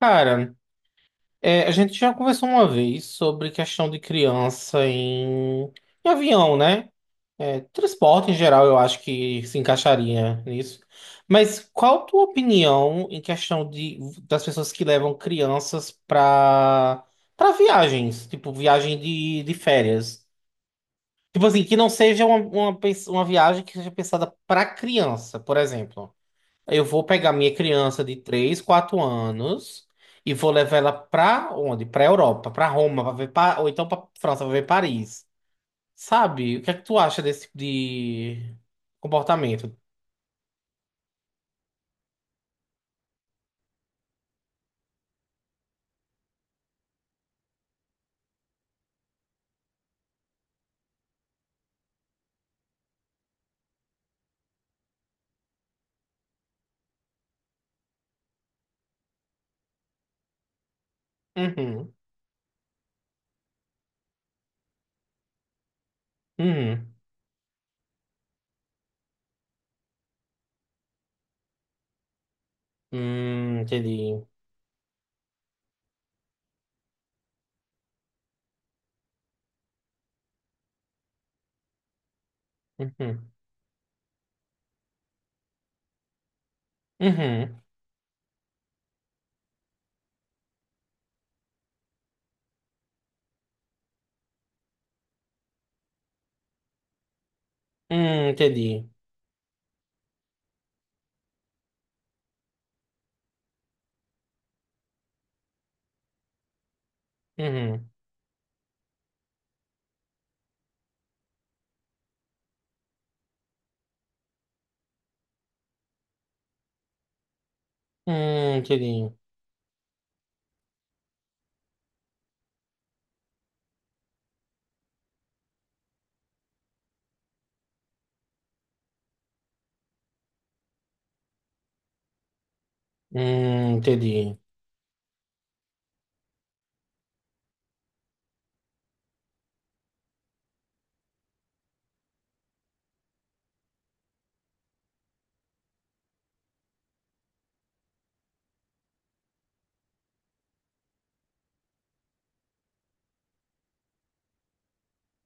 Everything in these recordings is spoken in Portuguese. Cara, a gente já conversou uma vez sobre questão de criança em avião, né? É, transporte em geral, eu acho que se encaixaria nisso. Mas qual a tua opinião em questão das pessoas que levam crianças para viagens, tipo viagem de férias? Tipo assim, que não seja uma viagem que seja pensada para criança, por exemplo. Eu vou pegar minha criança de 3, 4 anos e vou levar ela pra onde? Pra Europa, pra Roma, ou então pra França, pra ver Paris. Sabe? O que é que tu acha desse tipo de comportamento? Uhum, uhum. Entendi. Uhum, uhum. Entendi. Uhum, entendi. Entendi.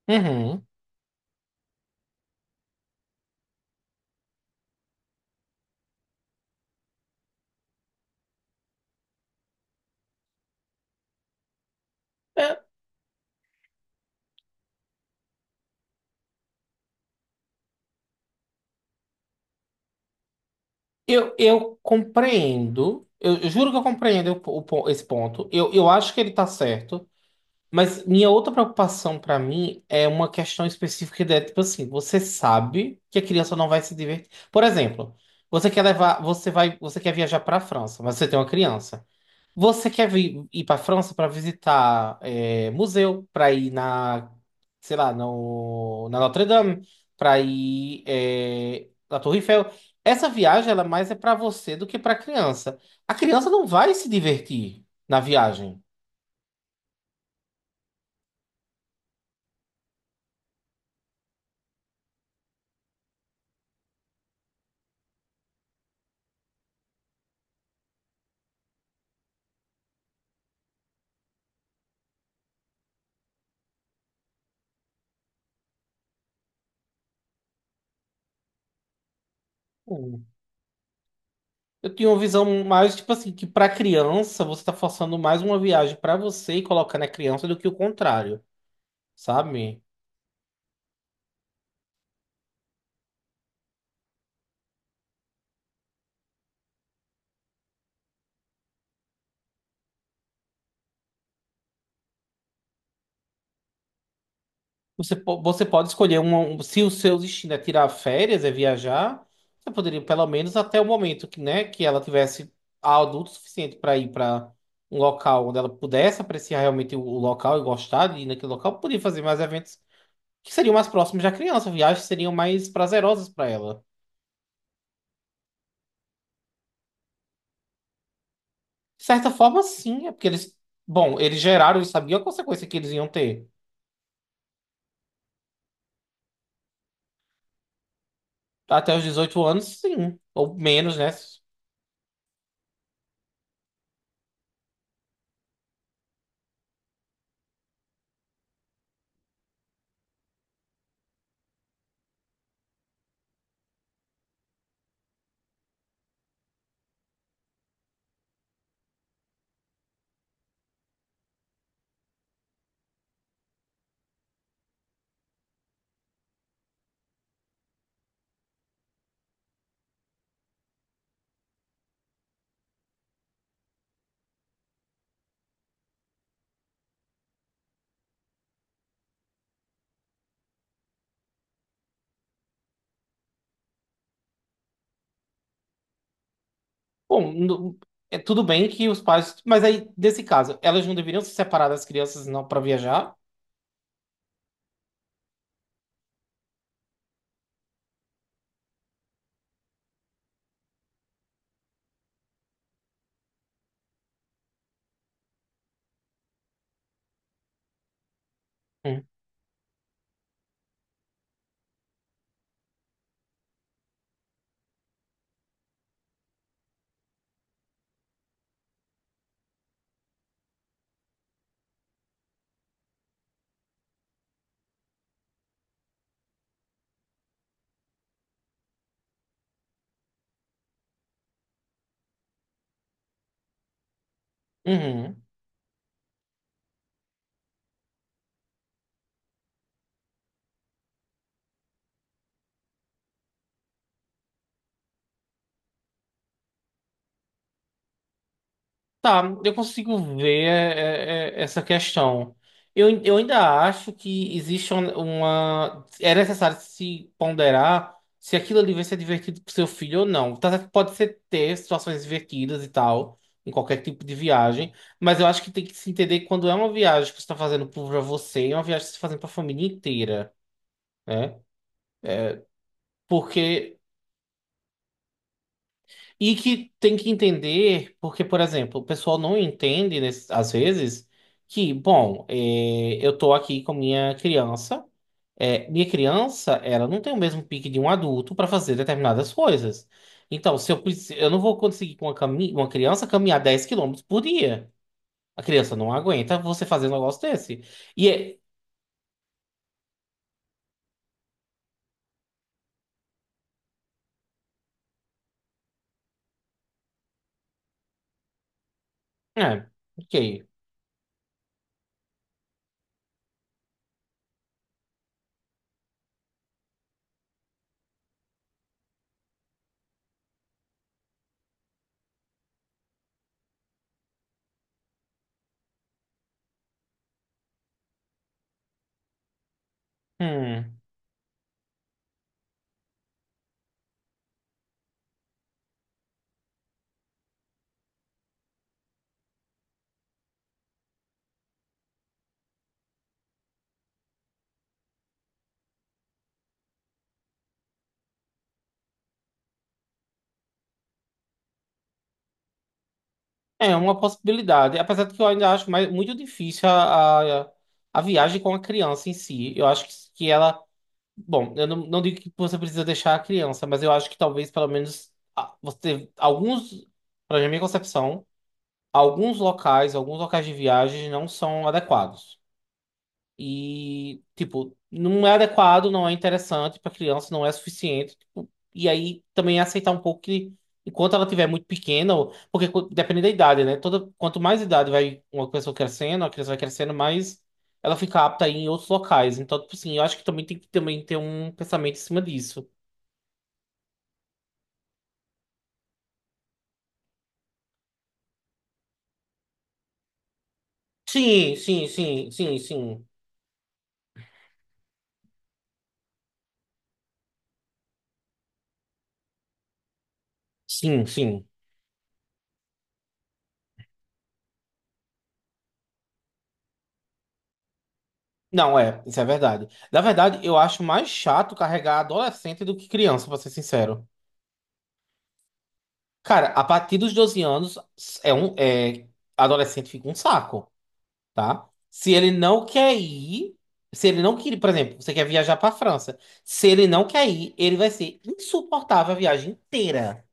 Uhum. É, eu compreendo. Eu juro que eu compreendo esse ponto. Eu acho que ele tá certo. Mas minha outra preocupação pra mim é uma questão específica de, tipo assim, você sabe que a criança não vai se divertir. Por exemplo, você quer viajar pra França, mas você tem uma criança. Você quer ir pra França pra visitar museu, pra ir na, sei lá, no, na Notre Dame, pra ir na Torre Eiffel. Essa viagem, ela é mais é pra você do que pra criança. A criança não vai se divertir na viagem. Eu tinha uma visão mais, tipo assim, que pra criança você tá forçando mais uma viagem pra você e colocando a criança do que o contrário, sabe? Você pode escolher se o seu destino é tirar férias, é viajar, você poderia pelo menos até o momento que, né, que ela tivesse adulto suficiente pra ir pra um local onde ela pudesse apreciar realmente o local e gostar de ir naquele local, poderia fazer mais eventos que seriam mais próximos da criança, viagens seriam mais prazerosas pra ela. De certa forma, sim, é porque eles. Bom, eles geraram e sabiam a consequência que eles iam ter. Até os 18 anos, sim. Ou menos, né? Bom, é tudo bem que os pais. Mas aí, nesse caso, elas não deveriam se separar das crianças não para viajar? Hum. Uhum. Tá, eu consigo ver essa questão. Eu ainda acho que existe uma. É necessário se ponderar se aquilo ali vai ser divertido pro seu filho ou não. Tá certo que pode ser ter situações divertidas e tal, em qualquer tipo de viagem, mas eu acho que tem que se entender que quando é uma viagem que você tá fazendo pra você, é uma viagem que você tá fazendo pra família inteira, né? Porque. E que tem que entender, porque, por exemplo, o pessoal não entende, às vezes, que, bom, eu tô aqui com minha criança, minha criança, ela não tem o mesmo pique de um adulto para fazer determinadas coisas. Então, se eu não vou conseguir com uma criança caminhar 10 km por dia. A criança não aguenta você fazer um negócio desse. E é, ok. Hum. É uma possibilidade, apesar de que eu ainda acho mais, muito difícil a viagem com a criança em si. Eu acho que ela. Bom, eu não digo que você precisa deixar a criança, mas eu acho que talvez pelo menos você. Alguns, para minha concepção, alguns locais de viagem não são adequados. E, tipo, não é adequado, não é interessante para criança, não é suficiente. Tipo, e aí também é aceitar um pouco que, enquanto ela estiver muito pequena, depende da idade, né? Toda, quanto mais idade vai uma pessoa crescendo, a criança vai crescendo, mais ela fica apta a ir em outros locais. Então, tipo assim, eu acho que também tem que também ter um pensamento em cima disso. Sim, sim, sim, sim, sim. Sim, sim. Não, isso é verdade. Na verdade, eu acho mais chato carregar adolescente do que criança, pra ser sincero. Cara, a partir dos 12 anos, é um, é, adolescente fica um saco, tá? Se ele não quer ir, se ele não quer, por exemplo, você quer viajar pra França. Se ele não quer ir, ele vai ser insuportável a viagem inteira.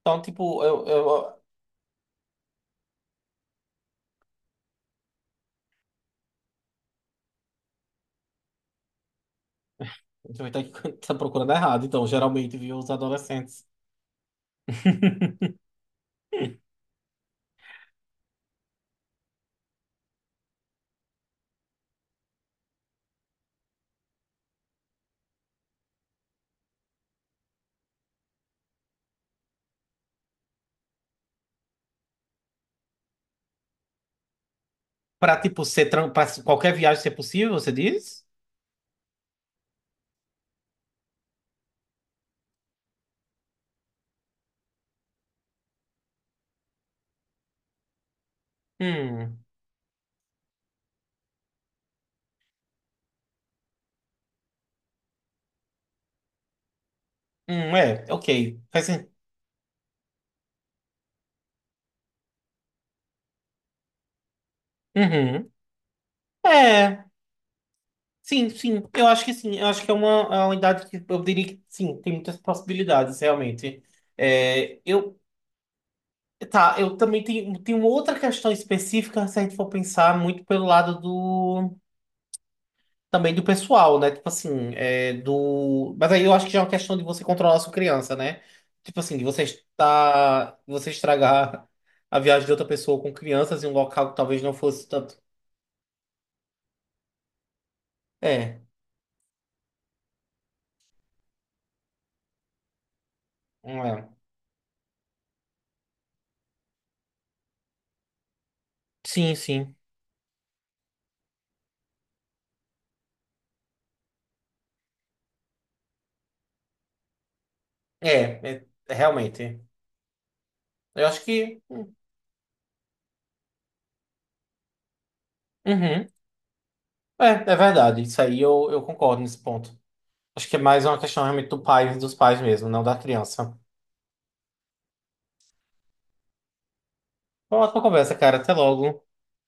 Então, tipo, eu tá tá procurando errado. Então, geralmente, viu os adolescentes. Pra qualquer viagem ser possível, você diz? Hum, ok. Faz sen- Uhum. É. Sim, sim, eu acho que sim. Eu acho que é uma idade que eu diria que sim, tem muitas possibilidades, realmente. Eu, tá, eu também tenho uma outra questão específica, se a gente for pensar muito pelo lado do, também do pessoal, né? Tipo assim, do. Mas aí eu acho que já é uma questão de você controlar a sua criança, né? Tipo assim, de você estragar a viagem de outra pessoa com crianças em um local que talvez não fosse tanto. É, é. Sim, sim. É é, realmente. Eu acho que. Uhum. É, é verdade. Isso aí eu concordo nesse ponto. Acho que é mais uma questão realmente do pai, dos pais mesmo, não da criança. Uma ótima conversa, cara. Até logo.